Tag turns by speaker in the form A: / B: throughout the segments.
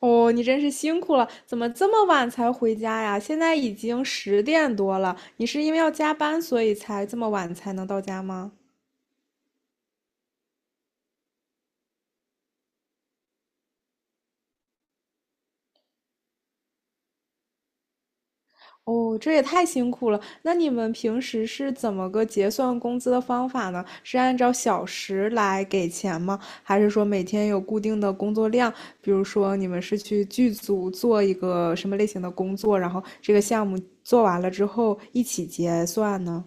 A: 哦，你真是辛苦了，怎么这么晚才回家呀？现在已经10点多了，你是因为要加班，所以才这么晚才能到家吗？哦，这也太辛苦了。那你们平时是怎么个结算工资的方法呢？是按照小时来给钱吗？还是说每天有固定的工作量？比如说你们是去剧组做一个什么类型的工作，然后这个项目做完了之后一起结算呢？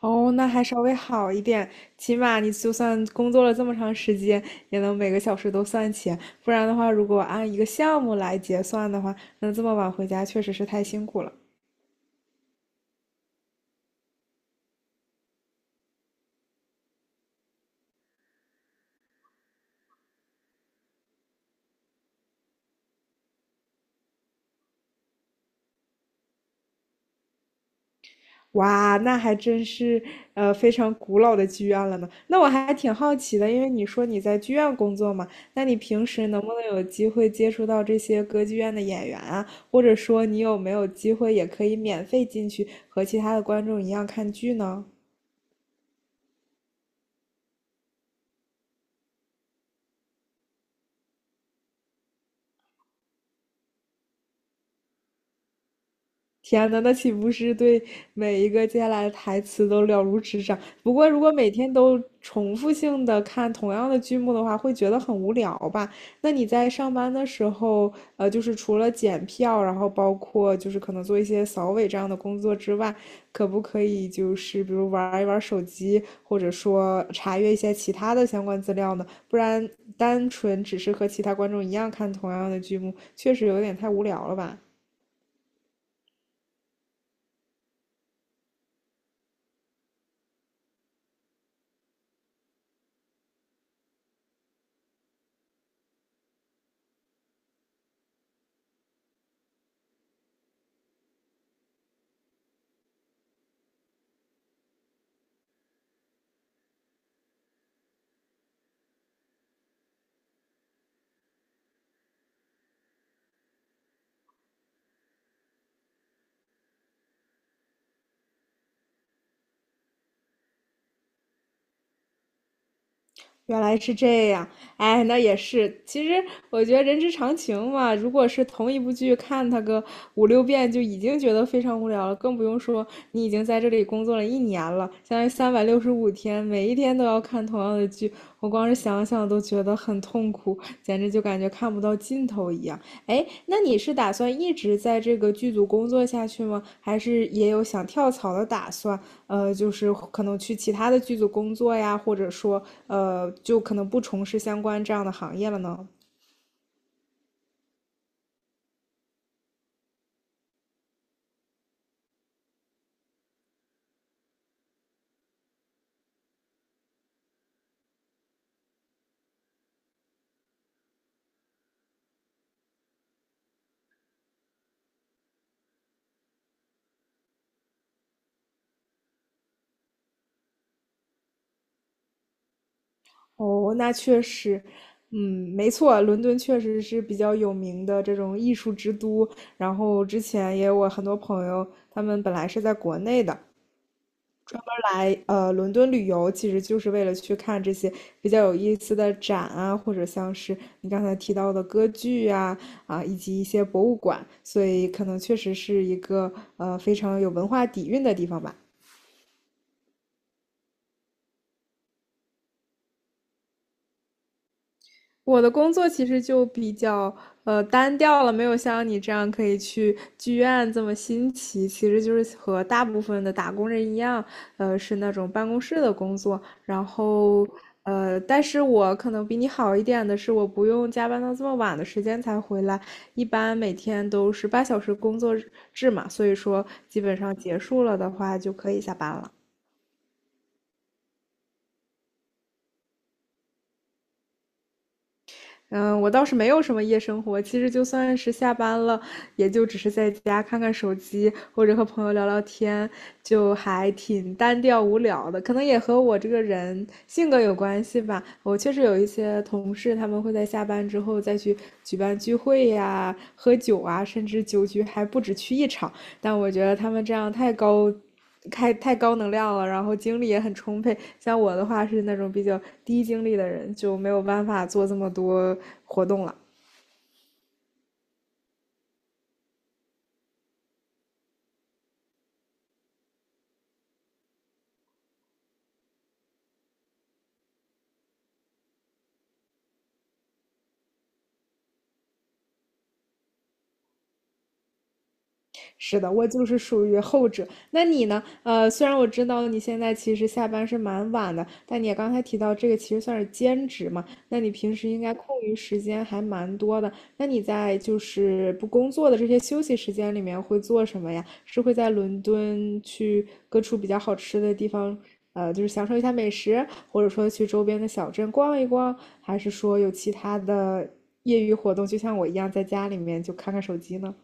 A: 哦，那还稍微好一点，起码你就算工作了这么长时间，也能每个小时都算钱。不然的话，如果按一个项目来结算的话，那这么晚回家确实是太辛苦了。哇，那还真是非常古老的剧院了呢。那我还挺好奇的，因为你说你在剧院工作嘛，那你平时能不能有机会接触到这些歌剧院的演员啊？或者说你有没有机会也可以免费进去和其他的观众一样看剧呢？天呐，那岂不是对每一个接下来的台词都了如指掌？不过，如果每天都重复性的看同样的剧目的话，会觉得很无聊吧？那你在上班的时候，就是除了检票，然后包括就是可能做一些扫尾这样的工作之外，可不可以就是比如玩一玩手机，或者说查阅一些其他的相关资料呢？不然单纯只是和其他观众一样看同样的剧目，确实有点太无聊了吧？原来是这样，哎，那也是。其实我觉得人之常情嘛，如果是同一部剧看它个五六遍，就已经觉得非常无聊了，更不用说你已经在这里工作了一年了，相当于365天，每一天都要看同样的剧，我光是想想都觉得很痛苦，简直就感觉看不到尽头一样。哎，那你是打算一直在这个剧组工作下去吗？还是也有想跳槽的打算？就是可能去其他的剧组工作呀，或者说，就可能不从事相关这样的行业了呢？哦，那确实，嗯，没错，伦敦确实是比较有名的这种艺术之都。然后之前也有我很多朋友，他们本来是在国内的，专门来伦敦旅游，其实就是为了去看这些比较有意思的展啊，或者像是你刚才提到的歌剧啊，以及一些博物馆，所以可能确实是一个非常有文化底蕴的地方吧。我的工作其实就比较单调了，没有像你这样可以去剧院这么新奇。其实就是和大部分的打工人一样，是那种办公室的工作。然后但是我可能比你好一点的是，我不用加班到这么晚的时间才回来，一般每天都是8小时工作制嘛，所以说基本上结束了的话就可以下班了。嗯，我倒是没有什么夜生活，其实就算是下班了，也就只是在家看看手机，或者和朋友聊聊天，就还挺单调无聊的。可能也和我这个人性格有关系吧。我确实有一些同事，他们会在下班之后再去举办聚会呀、喝酒啊，甚至酒局还不止去一场。但我觉得他们这样太高，太高能量了，然后精力也很充沛。像我的话是那种比较低精力的人，就没有办法做这么多活动了。是的，我就是属于后者。那你呢？虽然我知道你现在其实下班是蛮晚的，但你也刚才提到这个其实算是兼职嘛，那你平时应该空余时间还蛮多的。那你在就是不工作的这些休息时间里面会做什么呀？是会在伦敦去各处比较好吃的地方，就是享受一下美食，或者说去周边的小镇逛一逛，还是说有其他的业余活动，就像我一样在家里面就看看手机呢？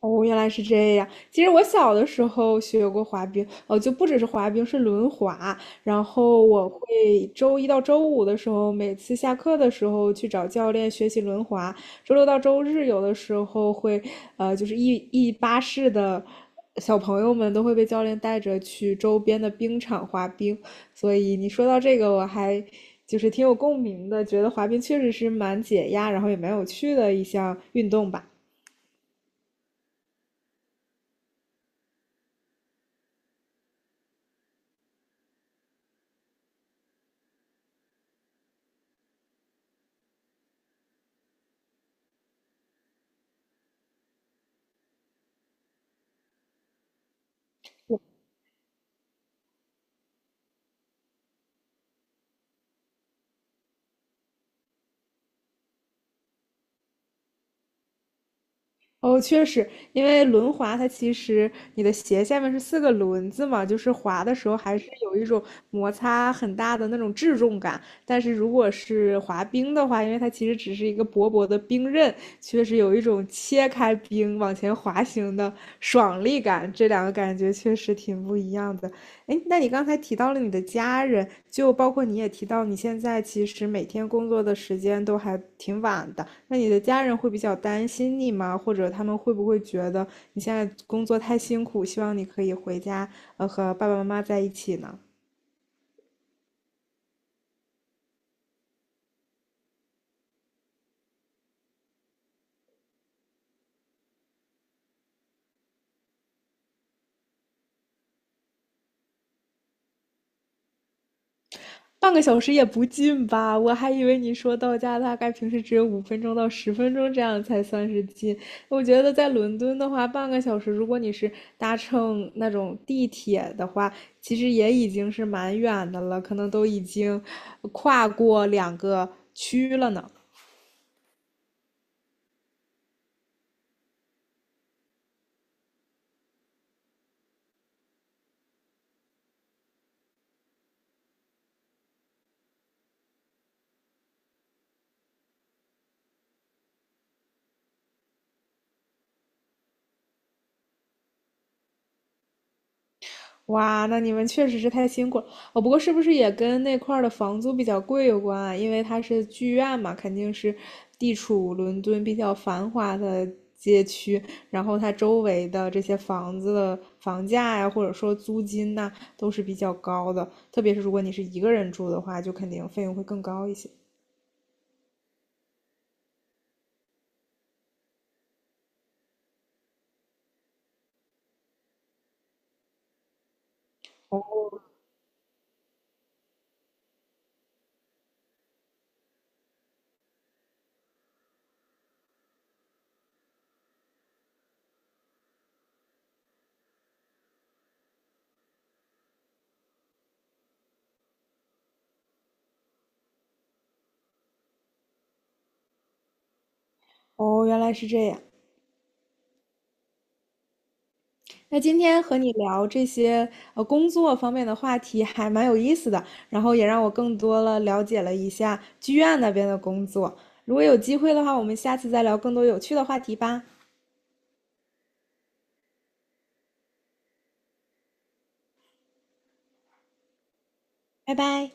A: 哦，原来是这样。其实我小的时候学过滑冰，哦，就不只是滑冰，是轮滑。然后我会周一到周五的时候，每次下课的时候去找教练学习轮滑。周六到周日有的时候会，就是一巴士的小朋友们都会被教练带着去周边的冰场滑冰。所以你说到这个，我还就是挺有共鸣的，觉得滑冰确实是蛮解压，然后也蛮有趣的一项运动吧。哦，确实，因为轮滑它其实你的鞋下面是四个轮子嘛，就是滑的时候还是有一种摩擦很大的那种质重感。但是如果是滑冰的话，因为它其实只是一个薄薄的冰刃，确实有一种切开冰往前滑行的爽利感。这两个感觉确实挺不一样的。哎，那你刚才提到了你的家人，就包括你也提到你现在其实每天工作的时间都还挺晚的，那你的家人会比较担心你吗？或者他们会不会觉得你现在工作太辛苦，希望你可以回家，和爸爸妈妈在一起呢？半个小时也不近吧？我还以为你说到家大概平时只有5分钟到10分钟这样才算是近。我觉得在伦敦的话，半个小时，如果你是搭乘那种地铁的话，其实也已经是蛮远的了，可能都已经跨过两个区了呢。哇，那你们确实是太辛苦了。哦，不过是不是也跟那块儿的房租比较贵有关啊？因为它是剧院嘛，肯定是地处伦敦比较繁华的街区，然后它周围的这些房子的房价呀，或者说租金呐，都是比较高的。特别是如果你是一个人住的话，就肯定费用会更高一些。哦，原来是这样。那今天和你聊这些工作方面的话题还蛮有意思的，然后也让我更多了了解了一下剧院那边的工作。如果有机会的话，我们下次再聊更多有趣的话题吧，拜拜。